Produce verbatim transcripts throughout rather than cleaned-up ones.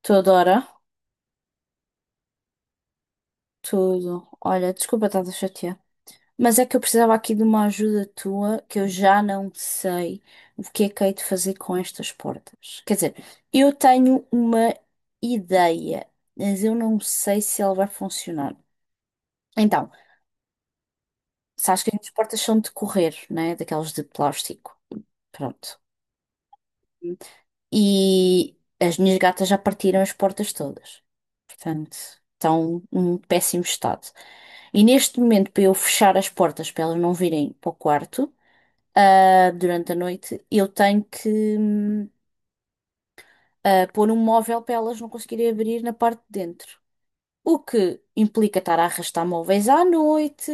Tudo, ora? Tudo. Olha, desculpa estar a chatear. Mas é que eu precisava aqui de uma ajuda tua, que eu já não sei o que é que hei de fazer com estas portas. Quer dizer, eu tenho uma ideia, mas eu não sei se ela vai funcionar. Então, sabes que as portas são de correr, né? Daquelas de plástico. Pronto. E as minhas gatas já partiram as portas todas. Portanto, estão num péssimo estado. E neste momento, para eu fechar as portas para elas não virem para o quarto, ah, durante a noite, eu tenho que hum, ah, pôr um móvel para elas não conseguirem abrir na parte de dentro. O que implica estar a arrastar móveis à noite.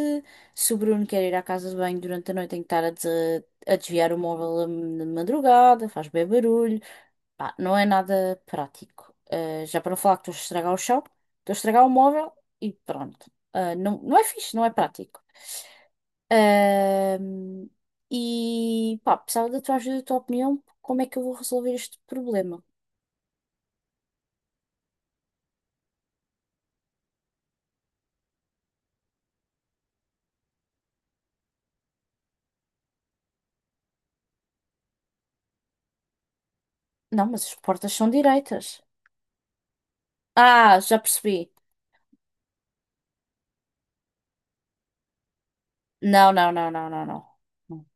Se o Bruno quer ir à casa de banho durante a noite, tem que estar a, des- a desviar o móvel de madrugada, faz bem barulho. Pá, não é nada prático. Ah, já para não falar que estou a estragar o chão, estou a estragar o móvel e pronto. Ah, não, não é fixe, não é prático. Ahm, e pá, precisava da tua ajuda, da tua opinião, como é que eu vou resolver este problema? Não, mas as portas são direitas. Ah, já percebi. Não, não, não, não, não, não. Não.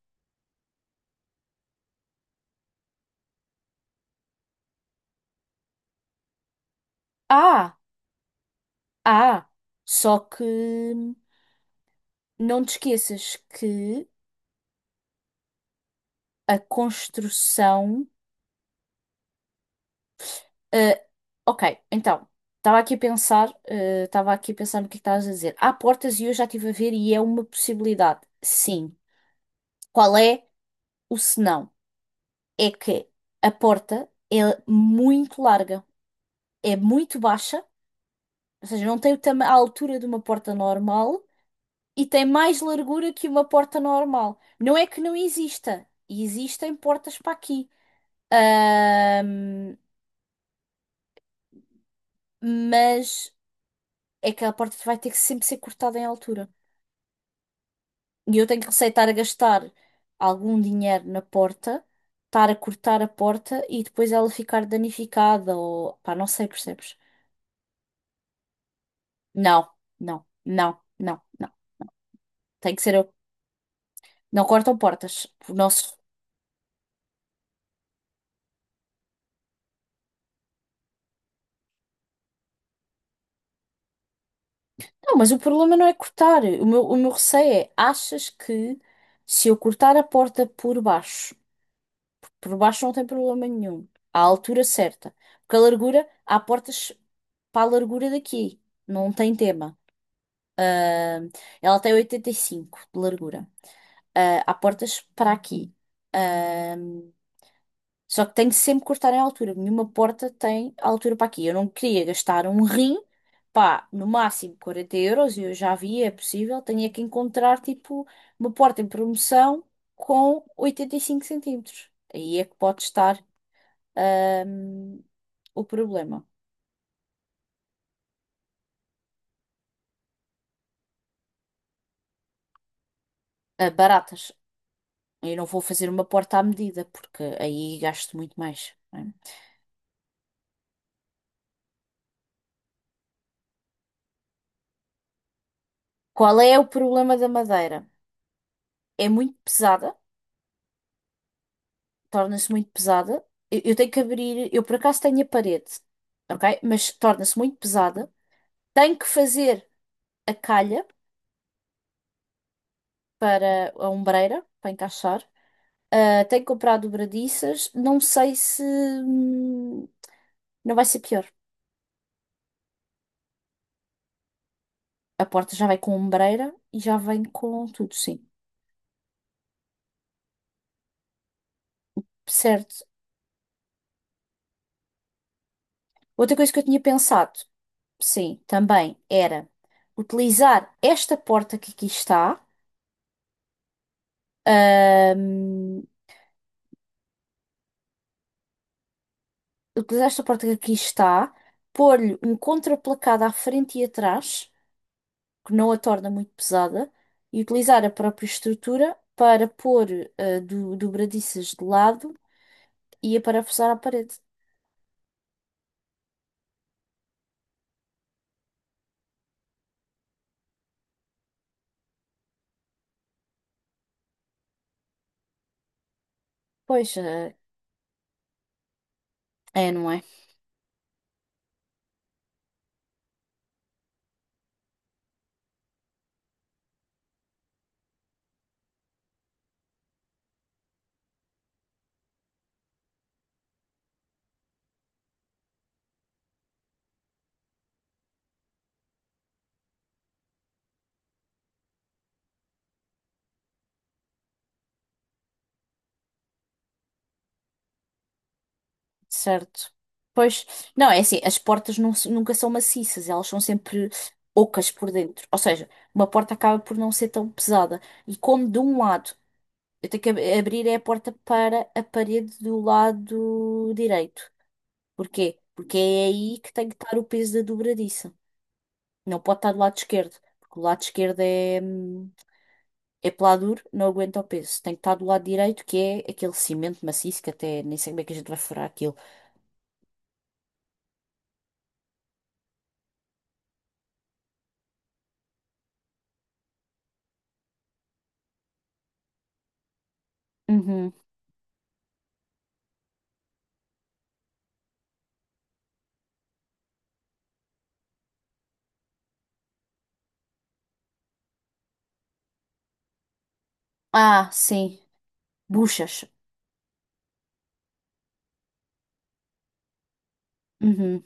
Ah, ah, só que não te esqueças que a construção. eh, ok, então, estava aqui a pensar, eh, estava aqui a pensar no que estás a dizer. Há portas e eu já estive a ver e é uma possibilidade. Sim. Qual é o senão? É que a porta é muito larga, é muito baixa, ou seja, não tem o tama- a altura de uma porta normal e tem mais largura que uma porta normal. Não é que não exista, existem portas para aqui. Ahm, mas é que a porta vai ter que sempre ser cortada em altura. E eu tenho que receitar a gastar algum dinheiro na porta, estar a cortar a porta e depois ela ficar danificada ou pá, não sei, percebes? Não, não, não, não, não. Tem que ser eu. Não cortam portas. O nosso Não, mas o problema não é cortar. O meu, o meu receio é, achas que se eu cortar a porta por baixo, por baixo não tem problema nenhum, à altura certa, porque a largura, há portas para a largura daqui, não tem tema. Ah, ela tem oitenta e cinco de largura. Ah, há portas para aqui. Ah, só que tem de sempre cortar em altura. Nenhuma porta tem altura para aqui. Eu não queria gastar um rim, pá, no máximo quarenta euros. Eu já vi, é possível. Tinha que encontrar, tipo, uma porta em promoção com oitenta e cinco centímetros. Aí é que pode estar, hum, o problema. Ah, baratas. Eu não vou fazer uma porta à medida, porque aí gasto muito mais. Não é? Qual é o problema da madeira? É muito pesada, torna-se muito pesada. Eu, eu tenho que abrir, eu por acaso tenho a parede, ok? Mas torna-se muito pesada. Tenho que fazer a calha para a ombreira, para encaixar. Ah, tenho que comprar dobradiças. Não sei se hum, não vai ser pior. A porta já vai com ombreira e já vem com tudo, sim. Certo. Outra coisa que eu tinha pensado, sim, também era utilizar esta porta que aqui está. Ahm, utilizar esta porta que aqui está, pôr-lhe um contraplacado à frente e atrás, que não a torna muito pesada, e utilizar a própria estrutura para pôr eh, do, dobradiças de lado e a aparafusar à parede. Pois, eh, é, não é? Certo. Pois, não, é assim, as portas não se- nunca são maciças, elas são sempre ocas por dentro. Ou seja, uma porta acaba por não ser tão pesada. E como de um lado eu tenho que ab- abrir é a porta para a parede do lado direito. Porquê? Porque é aí que tem que estar o peso da dobradiça. Não pode estar do lado esquerdo, porque o lado esquerdo é, hum, é peladuro, não aguenta o peso. Tem que estar do lado direito, que é aquele cimento maciço, que até nem sei como é que a gente vai furar aquilo. Uhum. Ah, sim. Buchas. Uhum.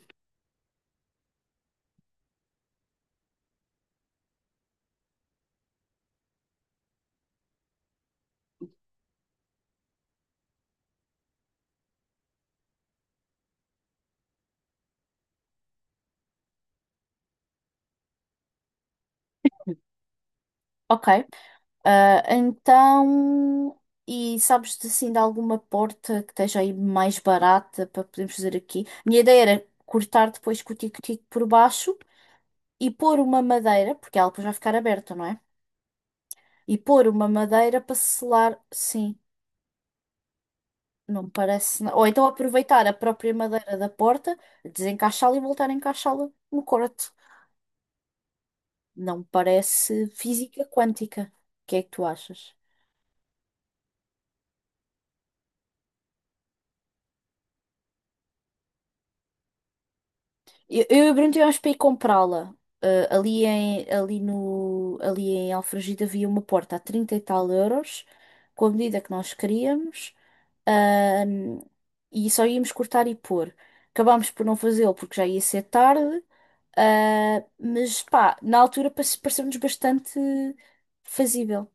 Ok, Ah, então, e sabes de, assim de alguma porta que esteja aí mais barata para podermos fazer aqui? Minha ideia era cortar depois com o tico-tico por baixo e pôr uma madeira, porque ela depois vai ficar aberta, não é? E pôr uma madeira para selar, sim, não me parece. na- Ou então aproveitar a própria madeira da porta, desencaixá-la e voltar a encaixá-la no corte. Não me parece física quântica. O que é que tu achas? Eu, eu e o Bruno tivemos para ir comprá-la. Ah, ali em, ali no, ali em Alfragide havia uma porta a trinta e tal euros, com a medida que nós queríamos, ahm, e só íamos cortar e pôr. Acabámos por não fazê-lo porque já ia ser tarde, ah, mas pá, na altura pace- pareceu-nos bastante fazível.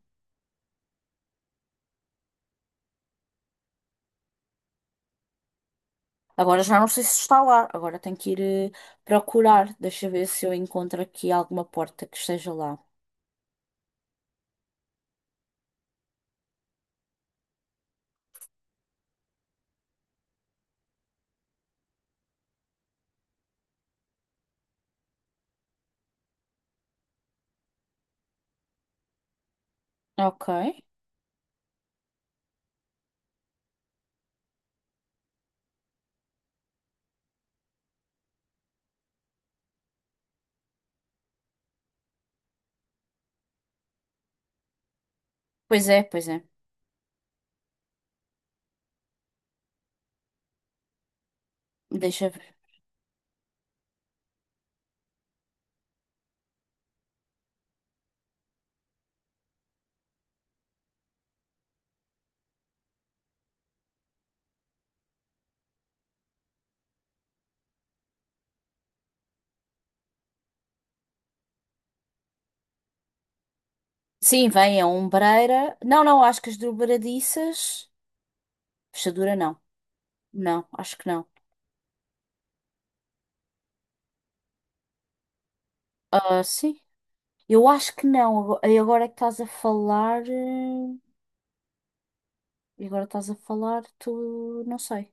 Agora já não sei se está lá, agora tenho que ir eh, procurar. Deixa eu ver se eu encontro aqui alguma porta que esteja lá. Ok. Pois é, pois é. Deixa eu ver. Sim, vem a ombreira. Não, não, acho que as dobradiças. Fechadura não. Não, acho que não. Ah, sim. Eu acho que não. Ago- E agora é que estás a falar. eh, E agora estás a falar, tu. Não sei.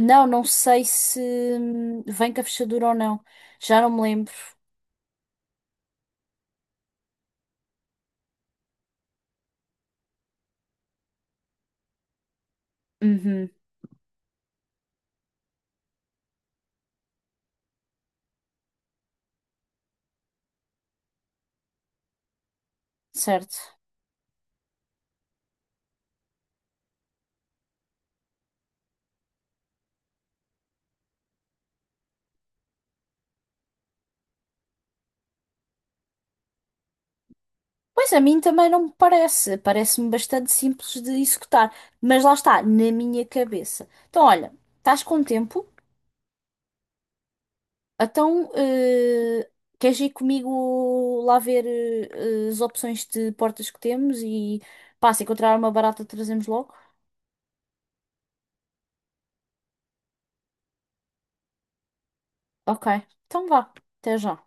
Não, não sei se hum, vem com a fechadura ou não. Já não me lembro. Uhum, certo. Pois a mim também não me parece. Parece-me bastante simples de executar. Mas lá está, na minha cabeça. Então, olha, estás com tempo? Então, eh, queres ir comigo lá ver eh, as opções de portas que temos e pá, se encontrar uma barata trazemos logo? Ok, então vá, até já.